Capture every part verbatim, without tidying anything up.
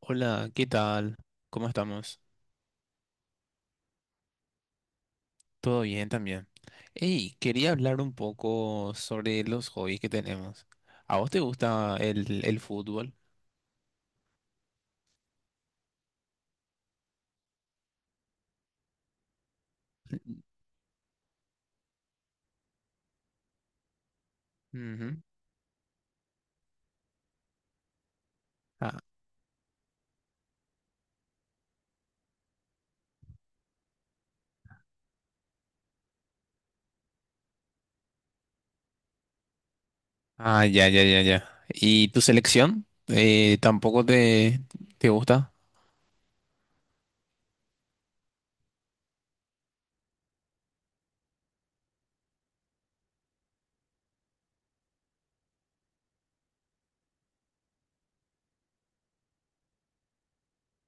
Hola, ¿qué tal? ¿Cómo estamos? ¿Todo bien también? Hey, quería hablar un poco sobre los hobbies que tenemos. ¿A vos te gusta el, el fútbol? Ujú. Ah, ah, ya, ya, ya, ya. ¿Y tu selección? Eh, ¿tampoco te, te gusta?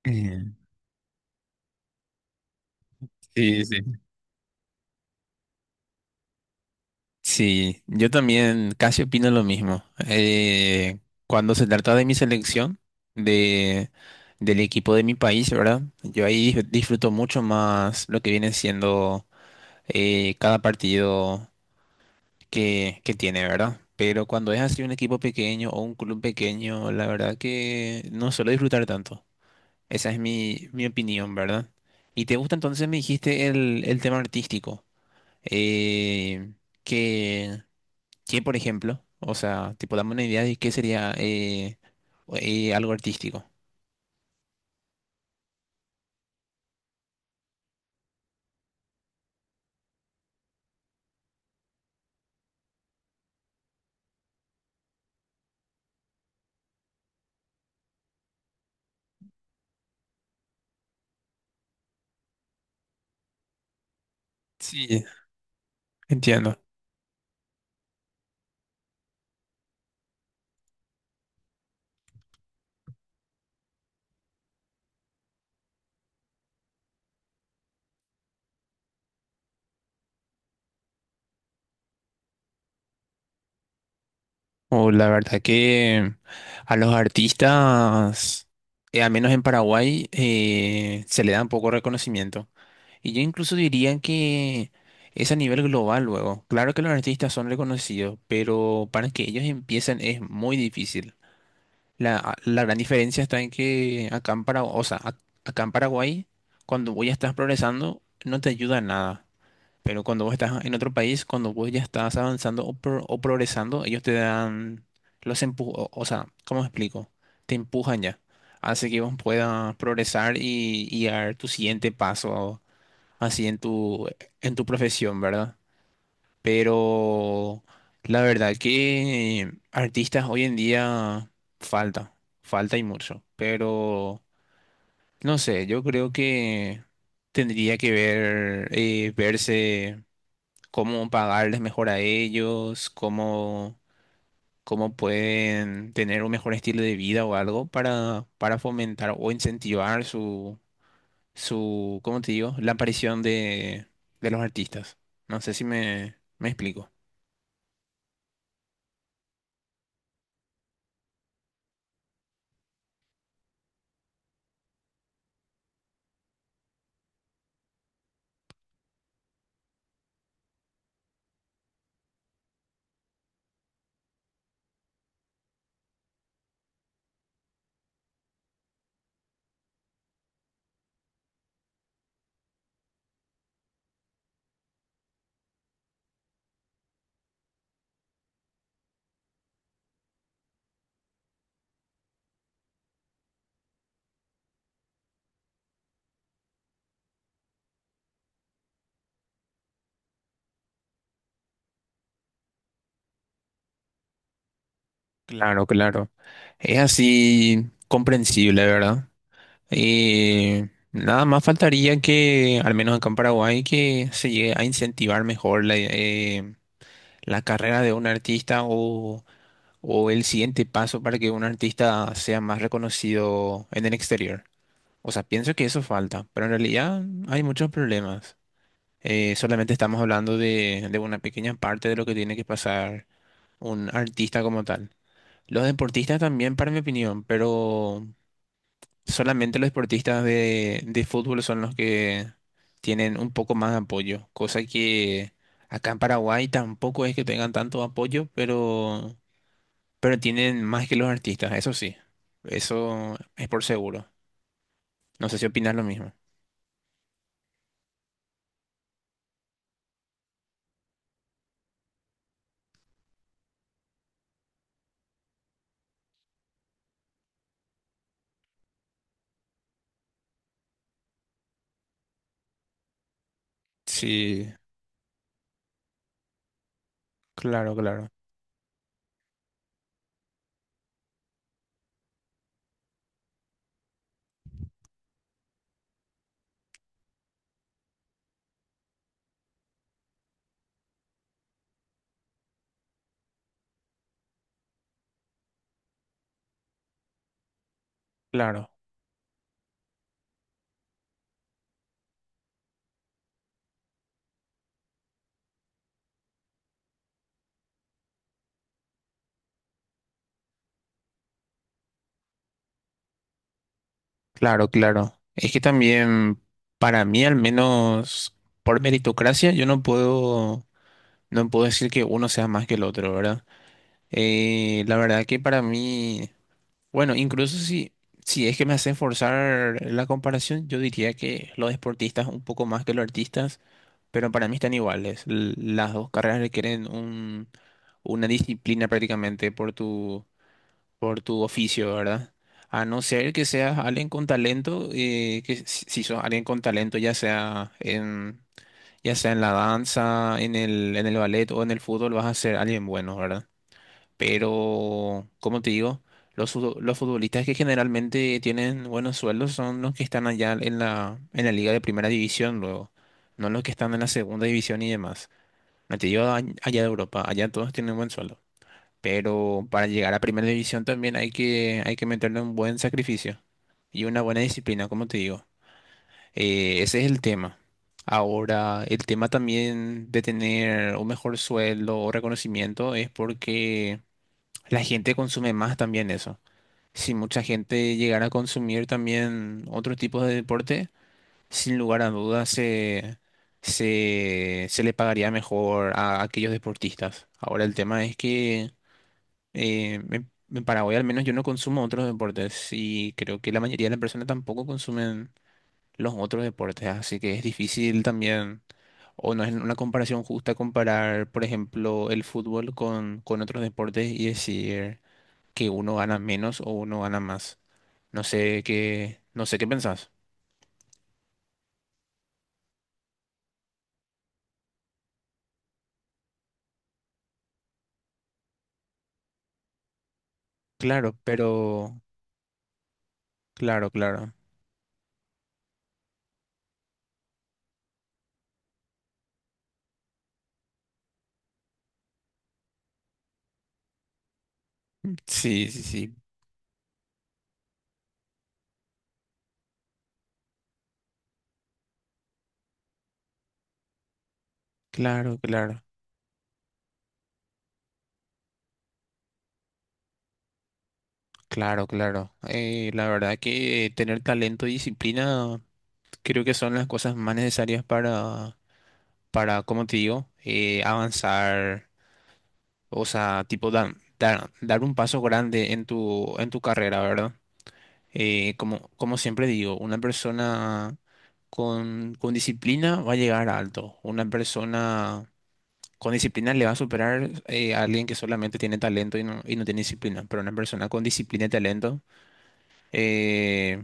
Mm, sí, sí. Sí, yo también casi opino lo mismo. Eh, cuando se trata de mi selección, de, del equipo de mi país, ¿verdad? Yo ahí dif- disfruto mucho más lo que viene siendo eh, cada partido que, que tiene, ¿verdad? Pero cuando es así un equipo pequeño o un club pequeño, la verdad que no suelo disfrutar tanto. Esa es mi, mi opinión, ¿verdad? ¿Y te gusta entonces, me dijiste, el, el tema artístico? Eh, que ¿Qué, por ejemplo? O sea, tipo, dame una idea de qué sería eh, eh, algo artístico. Sí, entiendo. O la verdad que a los artistas, eh, al menos en Paraguay, eh, se le da un poco reconocimiento. Y yo incluso diría que es a nivel global luego. Claro que los artistas son reconocidos, pero para que ellos empiecen es muy difícil. La, ah, la gran diferencia está en que acá en Paraguay, o sea, ac- acá en Paraguay, cuando vos ya estás progresando, no te ayuda nada. Pero cuando vos estás en otro país, cuando vos ya estás avanzando o, pro- o progresando, ellos te dan los empujos, o o sea, ¿cómo explico? Te empujan ya. Hace que vos puedas progresar y, y dar tu siguiente paso así en tu, en tu profesión, ¿verdad? Pero la verdad que artistas hoy en día falta, falta y mucho. Pero no sé, yo creo que tendría que ver, eh, verse cómo pagarles mejor a ellos, cómo, cómo pueden tener un mejor estilo de vida o algo para, para fomentar o incentivar su, su, ¿cómo te digo? La aparición de, de los artistas. No sé si me, me explico. Claro, claro. Es así comprensible, ¿verdad? Y nada más faltaría que, al menos acá en Paraguay, que se llegue a incentivar mejor la, eh, la carrera de un artista o, o el siguiente paso para que un artista sea más reconocido en el exterior. O sea, pienso que eso falta, pero en realidad hay muchos problemas. Eh, solamente estamos hablando de, de una pequeña parte de lo que tiene que pasar un artista como tal. Los deportistas también, para mi opinión, pero... Solamente los deportistas de, de fútbol son los que tienen un poco más de apoyo, cosa que acá en Paraguay tampoco es que tengan tanto apoyo, pero, pero tienen más que los artistas, eso sí, eso es por seguro. No sé si opinas lo mismo. Sí, claro, claro, claro, claro, claro. Es que también, para mí al menos, por meritocracia, yo no puedo, no puedo decir que uno sea más que el otro, ¿verdad? Eh, la verdad que para mí... Bueno, incluso si, si es que me hacen forzar la comparación, yo diría que los deportistas un poco más que los artistas, pero para mí están iguales. L- Las dos carreras requieren un, una disciplina prácticamente por tu, por tu oficio, ¿verdad? A no ser que seas alguien con talento, eh, que si si sos alguien con talento, ya sea en, ya sea en la danza, en el, en el ballet o en el fútbol, vas a ser alguien bueno, ¿verdad? Pero, como te digo, los, fut- los futbolistas que generalmente tienen buenos sueldos son los que están allá en la, en la liga de primera división luego, no los que están en la segunda división y demás. No te digo a- allá de Europa, allá todos tienen buen sueldo. Pero para llegar a primera división también hay que, hay que meterle un buen sacrificio y una buena disciplina, como te digo. Eh, ese es el tema. Ahora, el tema también de tener un mejor sueldo o reconocimiento es porque la gente consume más también eso. Si mucha gente llegara a consumir también otro tipo de deporte, sin lugar a dudas se, se, se le pagaría mejor a aquellos deportistas. Ahora el tema es que eh, en en Paraguay al menos yo no consumo otros deportes y creo que la mayoría de las personas tampoco consumen los otros deportes, así que es difícil también, o no es una comparación justa comparar, por ejemplo, el fútbol con, con otros deportes y decir que uno gana menos o uno gana más. No sé qué, no sé qué pensás. Claro, pero claro, claro. Sí, sí, sí. Claro, claro. Claro, claro. Eh, la verdad que tener talento y disciplina creo que son las cosas más necesarias para, para, como te digo, eh, avanzar, o sea, tipo dar, dar, dar un paso grande en tu, en tu carrera, ¿verdad? Eh, como, como siempre digo, una persona con, con disciplina va a llegar alto. Una persona con disciplina le va a superar eh, a alguien que solamente tiene talento y no, y no tiene disciplina. Pero una persona con disciplina y talento eh,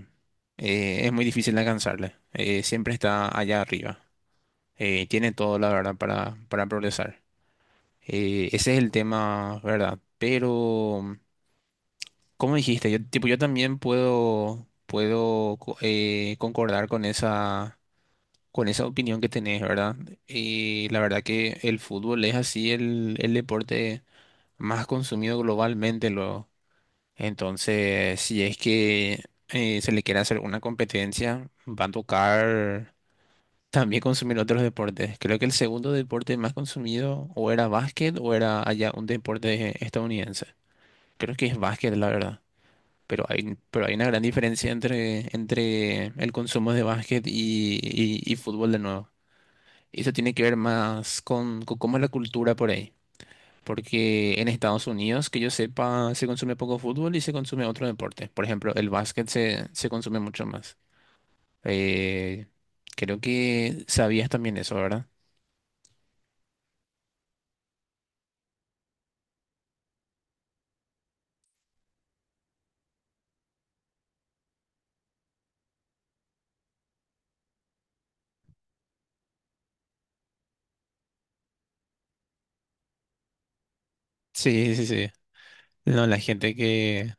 eh, es muy difícil de alcanzarle. Eh, siempre está allá arriba. Eh, tiene todo, la verdad, para, para progresar. Eh, ese es el tema, ¿verdad? Pero, como dijiste, yo, tipo, yo también puedo, puedo co- eh, concordar con esa con esa opinión que tenés, ¿verdad? Y la verdad que el fútbol es así el, el deporte más consumido globalmente luego. Entonces, si es que eh, se le quiere hacer una competencia, va a tocar también consumir otros deportes. Creo que el segundo deporte más consumido o era básquet o era allá un deporte estadounidense. Creo que es básquet, la verdad. Pero hay, pero hay una gran diferencia entre, entre el consumo de básquet y, y y fútbol de nuevo. Y eso tiene que ver más con, con cómo es la cultura por ahí. Porque en Estados Unidos, que yo sepa, se consume poco fútbol y se consume otro deporte. Por ejemplo, el básquet se, se consume mucho más. Eh, Creo que sabías también eso, ¿verdad? Sí, sí, sí. No, la gente que...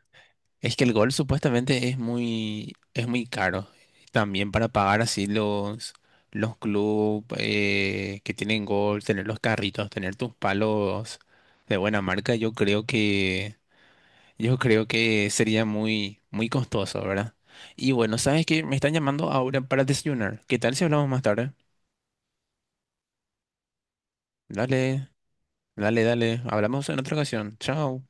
Es que el gol supuestamente es muy, es muy caro. También para pagar así los, los clubes que tienen gol, tener los carritos, tener tus palos de buena marca, yo creo que... Yo creo que sería muy, muy costoso, ¿verdad? Y bueno, ¿sabes qué? Me están llamando ahora para desayunar. ¿Qué tal si hablamos más tarde? Dale, dale, dale. Hablamos en otra ocasión. Chao.